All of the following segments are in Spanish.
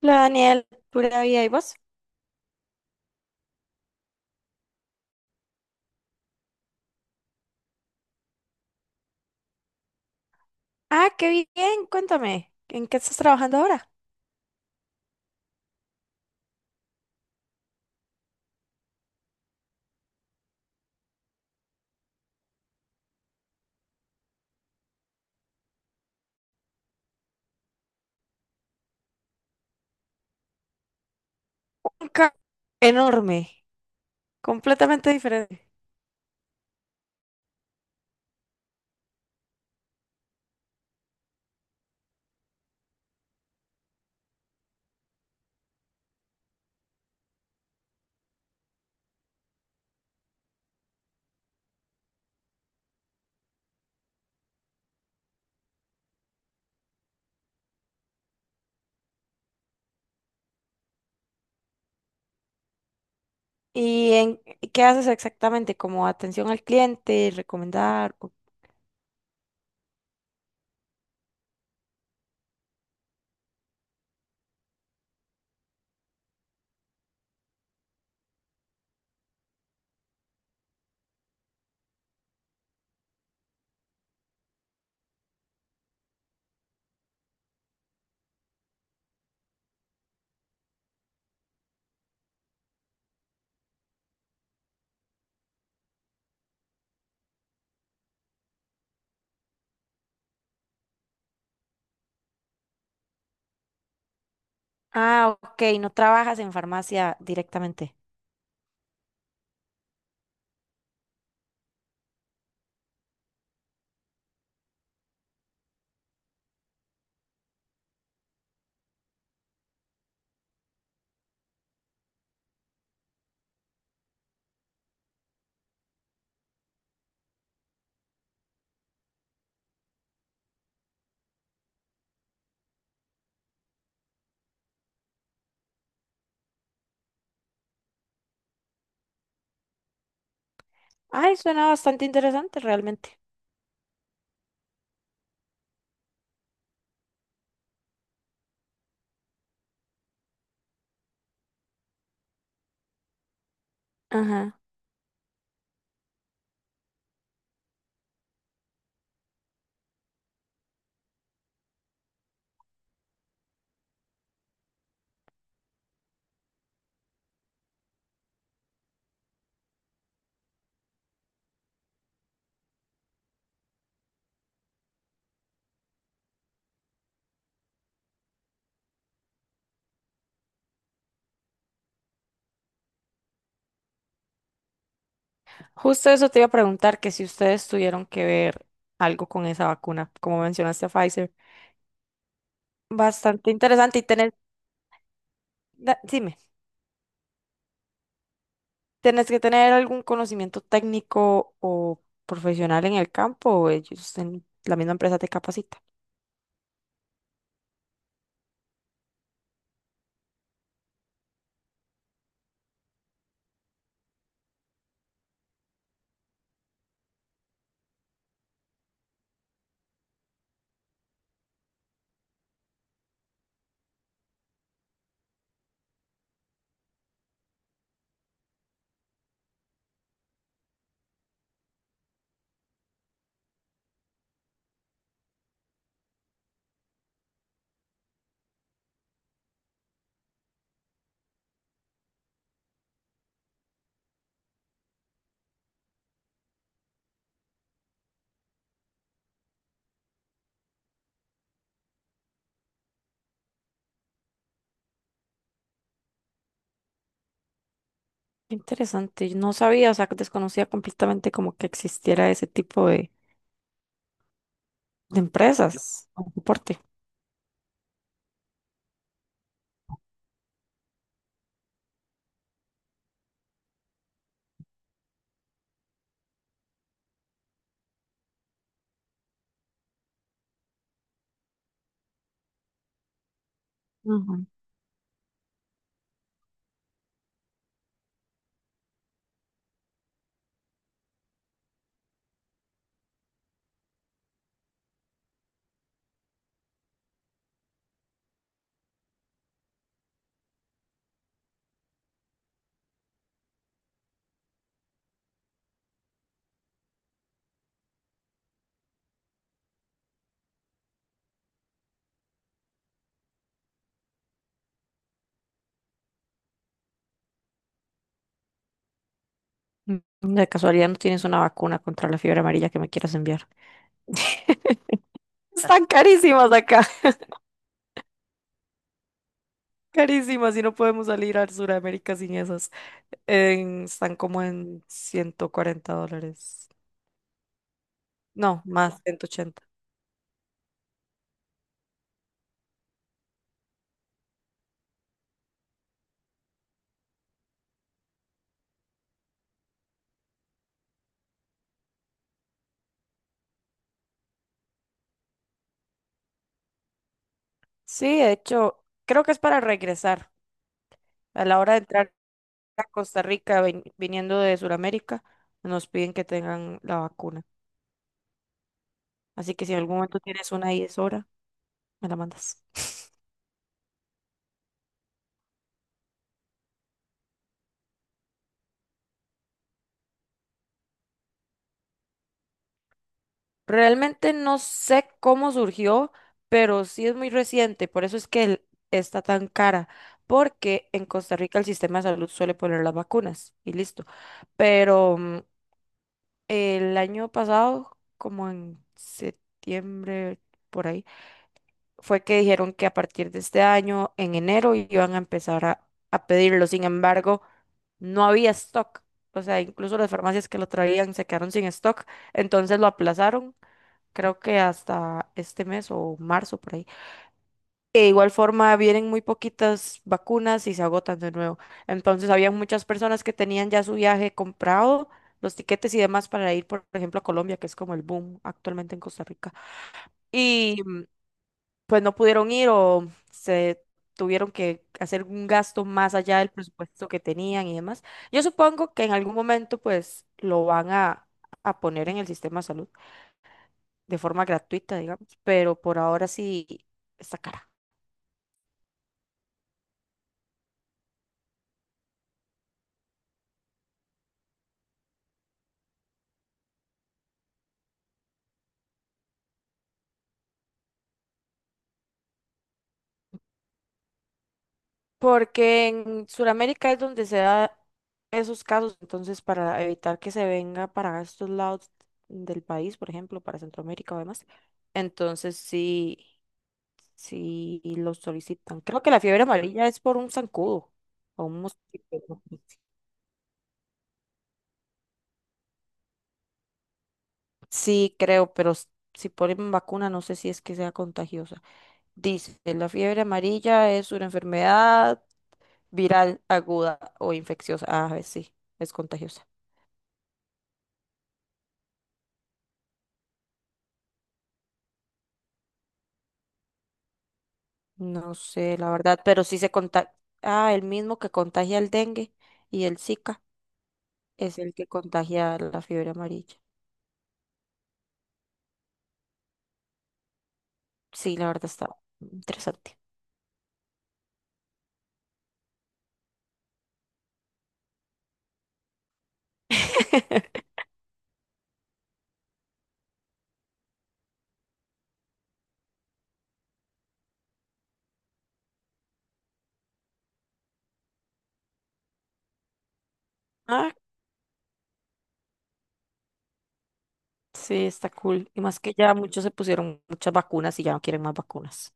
Hola Daniel, pura vida, ¿y vos? Ah, qué bien, cuéntame, ¿en qué estás trabajando ahora? Un ca- Enorme, completamente diferente. ¿Y en qué haces exactamente? ¿Como atención al cliente, recomendar? O- Ah, ok, no trabajas en farmacia directamente. Ay, suena bastante interesante realmente. Ajá. Justo eso te iba a preguntar, que si ustedes tuvieron que ver algo con esa vacuna, como mencionaste a Pfizer. Bastante interesante y tener... Dime. ¿Tenés que tener algún conocimiento técnico o profesional en el campo o ellos en la misma empresa te capacita? Qué interesante, yo no sabía, o sea, que desconocía completamente como que existiera ese tipo de empresas o soporte. Ujú. De casualidad no tienes una vacuna contra la fiebre amarilla que me quieras enviar. Están carísimas acá, carísimas y no podemos salir al Sudamérica sin esas. Están como en $140. No, más, 180. Sí, de hecho, creo que es para regresar. A la hora de entrar a Costa Rica, viniendo de Sudamérica, nos piden que tengan la vacuna. Así que si en algún momento tienes una y es hora, me la mandas. Realmente no sé cómo surgió, pero sí es muy reciente. Por eso es que está tan cara. Porque en Costa Rica el sistema de salud suele poner las vacunas y listo. Pero el año pasado, como en septiembre, por ahí fue que dijeron que a partir de este año, en enero, iban a empezar a pedirlo. Sin embargo, no había stock. O sea, incluso las farmacias que lo traían se quedaron sin stock. Entonces lo aplazaron, creo que hasta este mes o marzo por ahí. De igual forma, vienen muy poquitas vacunas y se agotan de nuevo. Entonces, había muchas personas que tenían ya su viaje comprado, los tiquetes y demás para ir, por ejemplo, a Colombia, que es como el boom actualmente en Costa Rica. Y pues no pudieron ir o se tuvieron que hacer un gasto más allá del presupuesto que tenían y demás. Yo supongo que en algún momento pues lo van a poner en el sistema de salud de forma gratuita, digamos, pero por ahora sí está cara. Porque en Sudamérica es donde se da esos casos, entonces para evitar que se venga para estos lados del país, por ejemplo, para Centroamérica o demás, entonces sí, si lo solicitan. Creo que la fiebre amarilla es por un zancudo o un mosquito, ¿no? Sí, creo, pero si ponen vacuna no sé si es que sea contagiosa. Dice, la fiebre amarilla es una enfermedad viral aguda o infecciosa. Ah, a sí, es contagiosa. No sé, la verdad, pero sí se contagia. Ah, el mismo que contagia el dengue y el Zika es el que contagia la fiebre amarilla. Sí, la verdad está interesante. Ah, sí, está cool. Y más que ya muchos se pusieron muchas vacunas y ya no quieren más vacunas.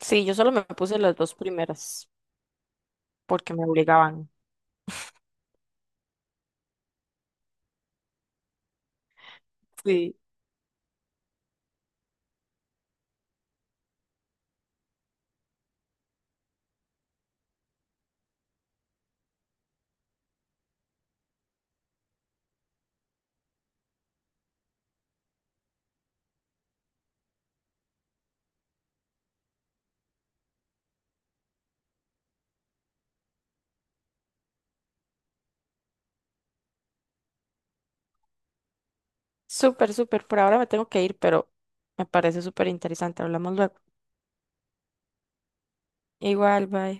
Sí, yo solo me puse las dos primeras porque me obligaban. Sí. Súper, súper. Por ahora me tengo que ir, pero me parece súper interesante. Hablamos luego. Igual, bye.